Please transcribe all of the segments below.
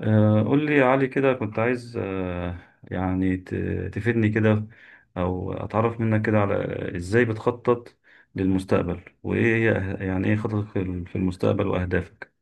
قول لي يا علي كده كنت عايز يعني ت- تفيدني كده، او اتعرف منك كده على ازاي بتخطط للمستقبل، وايه هي يعني ايه خططك في المستقبل واهدافك.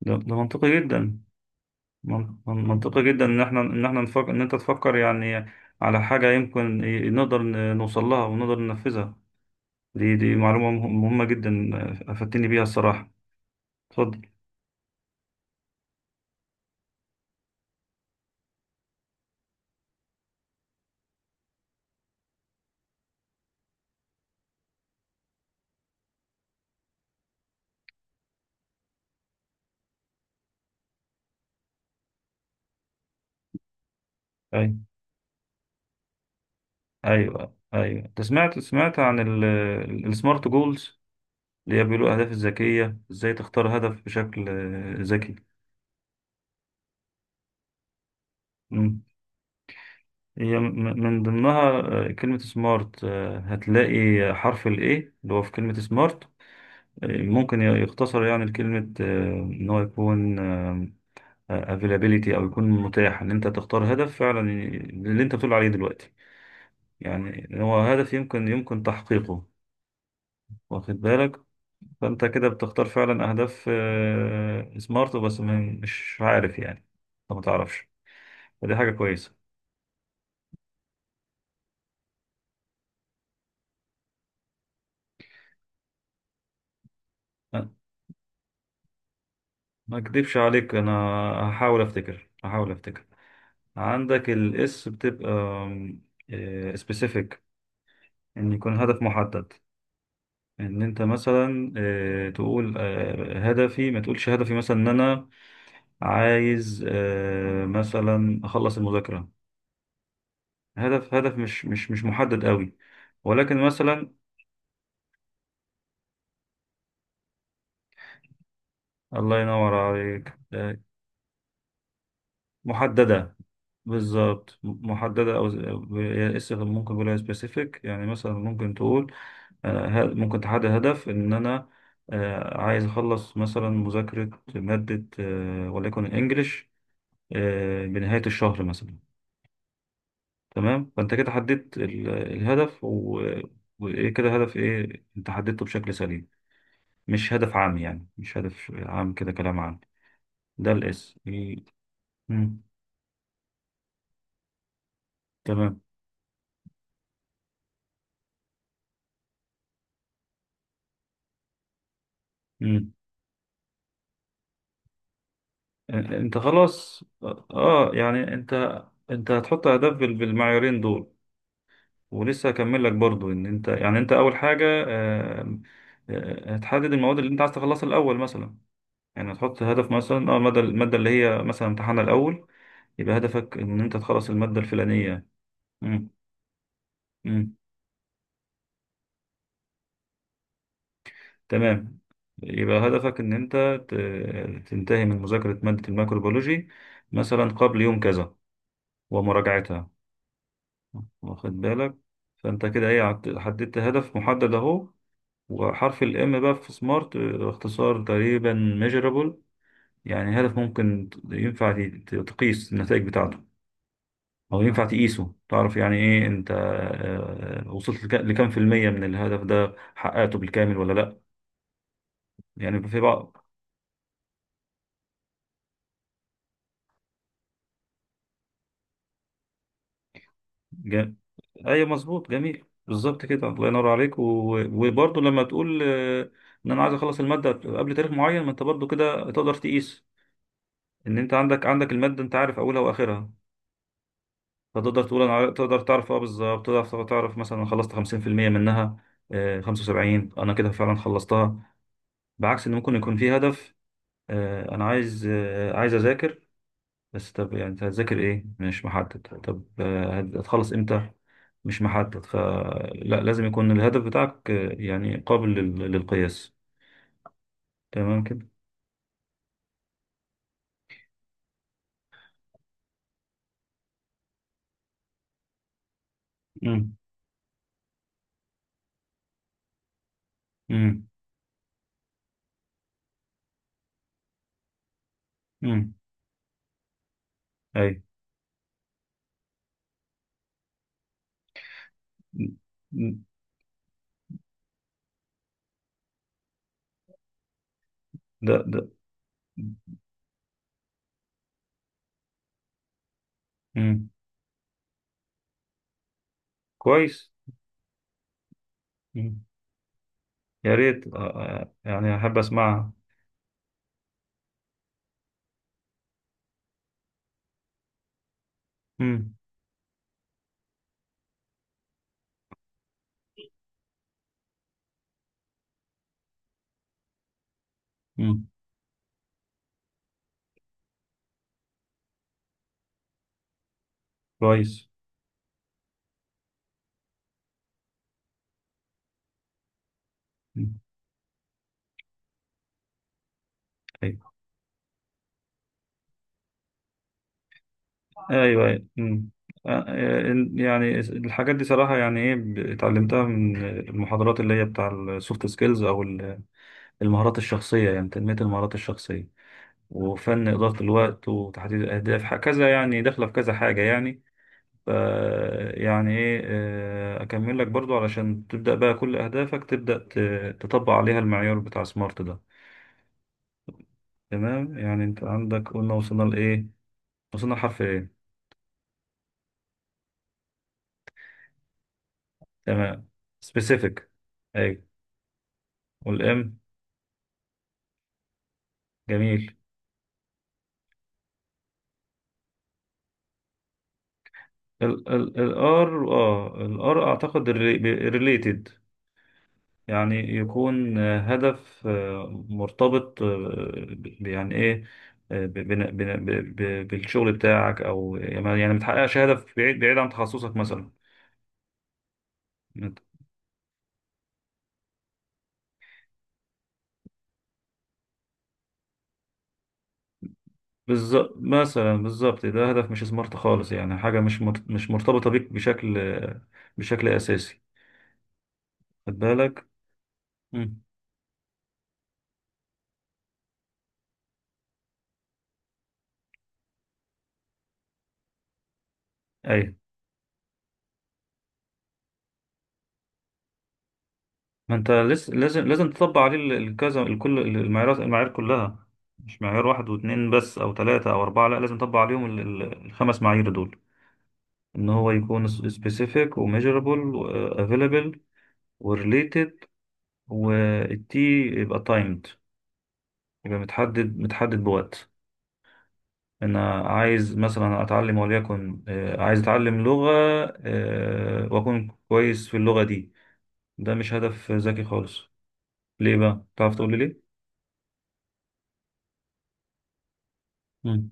ده منطقي جدا، منطقي جدا ان احنا نفكر ان انت تفكر يعني على حاجة يمكن نقدر نوصل لها ونقدر ننفذها. دي معلومة مهمة جدا. افدتني بيها الصراحة. اتفضل. ايوه ايوه ايوه، انت سمعت عن السمارت جولز اللي هي بيقولوا الأهداف الذكية؟ إزاي تختار هدف بشكل ذكي. مم. هي من ضمنها كلمة سمارت. هتلاقي حرف ال A اللي هو في كلمة سمارت ممكن يختصر يعني لكلمة إن هو يكون availability، أو يكون متاح، إن أنت تختار هدف فعلا اللي أنت بتقول عليه دلوقتي، يعني إن هو هدف يمكن تحقيقه. واخد بالك؟ فأنت كده بتختار فعلا أهداف سمارت بس مش عارف يعني، أنت ما تعرفش. فدي حاجة كويسة. أه، ما اكدبش عليك انا، هحاول افتكر هحاول افتكر. عندك الاس بتبقى سبيسيفيك، ان يكون هدف محدد، ان انت مثلا تقول هدفي، ما تقولش هدفي مثلا ان انا عايز مثلا اخلص المذاكرة. هدف مش محدد قوي، ولكن مثلا الله ينور عليك محددة. بالظبط، محددة أو هي اس ممكن يقولها سبيسيفيك، يعني مثلا ممكن تقول أنا ممكن تحدد هدف إن أنا عايز أخلص مثلا مذاكرة مادة وليكن الإنجليش بنهاية الشهر مثلا. تمام، فأنت كده حددت الهدف وإيه، كده هدف، إيه أنت حددته بشكل سليم، مش هدف عام، يعني مش هدف عام كده كلام عام. ده الإس. تمام. مم. انت خلاص. اه، يعني انت، انت هتحط اهداف بالمعيارين دول. ولسه هكمل لك برضو ان انت، يعني انت اول حاجه هتحدد المواد اللي انت عايز تخلصها الاول مثلا. يعني هتحط هدف مثلا اه الماده اللي هي مثلا امتحانها الاول، يبقى هدفك ان انت تخلص الماده الفلانيه. مم. مم. تمام. يبقى هدفك ان انت تنتهي من مذاكره ماده الميكروبيولوجي مثلا قبل يوم كذا ومراجعتها. واخد بالك؟ فانت كده ايه، حددت هدف محدد اهو. وحرف الام بقى في سمارت اختصار تقريبا ميجرابل، يعني هدف ممكن ينفع تقيس النتائج بتاعته، او ينفع تقيسه، تعرف يعني ايه انت وصلت لكام في المية من الهدف ده، حققته بالكامل ولا لا. يعني في بعض ج... ايوه مظبوط جميل بالظبط كده، الله ينور عليك. وبرضه لما تقول ان انا عايز اخلص المادة قبل تاريخ معين، ما انت برضه كده تقدر تقيس ان انت عندك الماده، انت عارف اولها واخرها، فتقدر تقول انا تقدر تعرف اه، بالظبط تقدر تعرف مثلا أنا خلصت 50% منها. 75 انا كده فعلا خلصتها، بعكس ان ممكن يكون في هدف انا عايز عايز اذاكر. بس طب يعني انت هتذاكر ايه؟ مش محدد. طب هتخلص امتى؟ مش محدد. فلا لازم يكون الهدف بتاعك يعني قابل للقياس. تمام كده. امم. امم. امم. اي. ده امم. كويس. يا ريت يعني أحب أسمعها. مم. مم. كويس. مم. أيوة. أيوه أيوة. مم. يعني الحاجات دي صراحة يعني إيه اتعلمتها من المحاضرات اللي هي بتاع السوفت سكيلز أو المهارات الشخصية، يعني تنمية المهارات الشخصية وفن إدارة الوقت وتحديد الأهداف، كذا، يعني داخلة في كذا حاجة يعني. ف يعني إيه أكمل لك برضو علشان تبدأ بقى كل أهدافك تبدأ تطبق عليها المعيار بتاع سمارت ده. تمام، يعني انت عندك، قلنا وصلنا لايه، وصلنا لحرف ايه. تمام. specific. ايوه. والام. جميل. ال الار الار اعتقد ريليتد، يعني يكون هدف مرتبط يعني ايه، بالشغل بتاعك، او يعني ما، يعني ما تحققش هدف بعيد، بعيد عن تخصصك مثلا. بالظبط مثلا، بالظبط. ده هدف مش سمارت خالص، يعني حاجة مش مش مرتبطة بيك بشكل، بشكل أساسي. خد بالك. مم. أيوة. ما أنت لسه لازم، لازم تطبق عليه الكذا، الكل المعايير كلها. مش معيار واحد واتنين بس أو تلاتة أو أربعة، لا لازم تطبق عليهم الخمس معايير دول. إن هو يكون specific و measurable و available و related، والتي يبقى timed، يبقى متحدد بوقت. انا عايز مثلا اتعلم، وليكن عايز اتعلم لغة، واكون كويس في اللغة دي. ده مش هدف ذكي خالص. ليه بقى؟ تعرف تقول لي ليه؟ مم.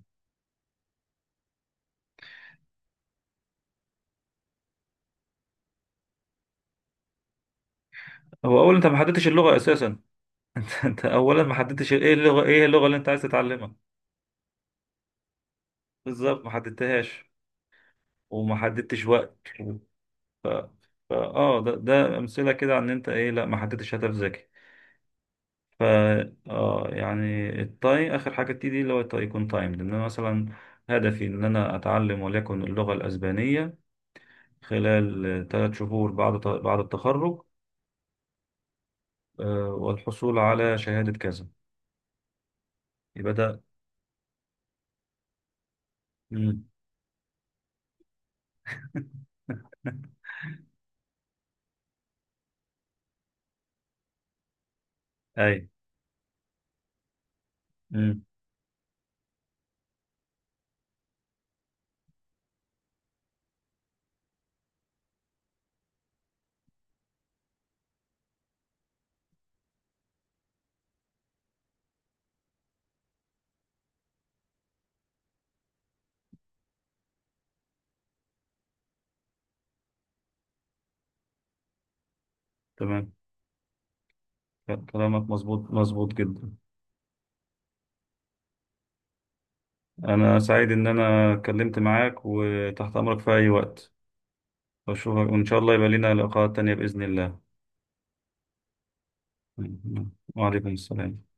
هو اولا انت ما حددتش اللغة اساسا. انت، انت اولا ما حددتش ايه اللغة، ايه اللغة اللي انت عايز تتعلمها. بالظبط، ما حددتهاش وما حددتش وقت. ف... اه، ده امثلة كده عن ان انت ايه، لا ما حددتش هدف ذكي. ف اه يعني التاي اخر حاجه تيجي، اللي هو التاي يكون تايم، لان انا مثلا هدفي ان انا اتعلم وليكن اللغه الاسبانيه خلال 3 شهور بعد التخرج، والحصول على شهاده كذا. يبقى ده. مم. اي. امم. تمام، كلامك مظبوط جدا. انا سعيد ان انا اتكلمت معاك، وتحت امرك في اي وقت، اشوفك وان شاء الله يبقى لنا لقاءات تانية باذن الله. مم. وعليكم السلام.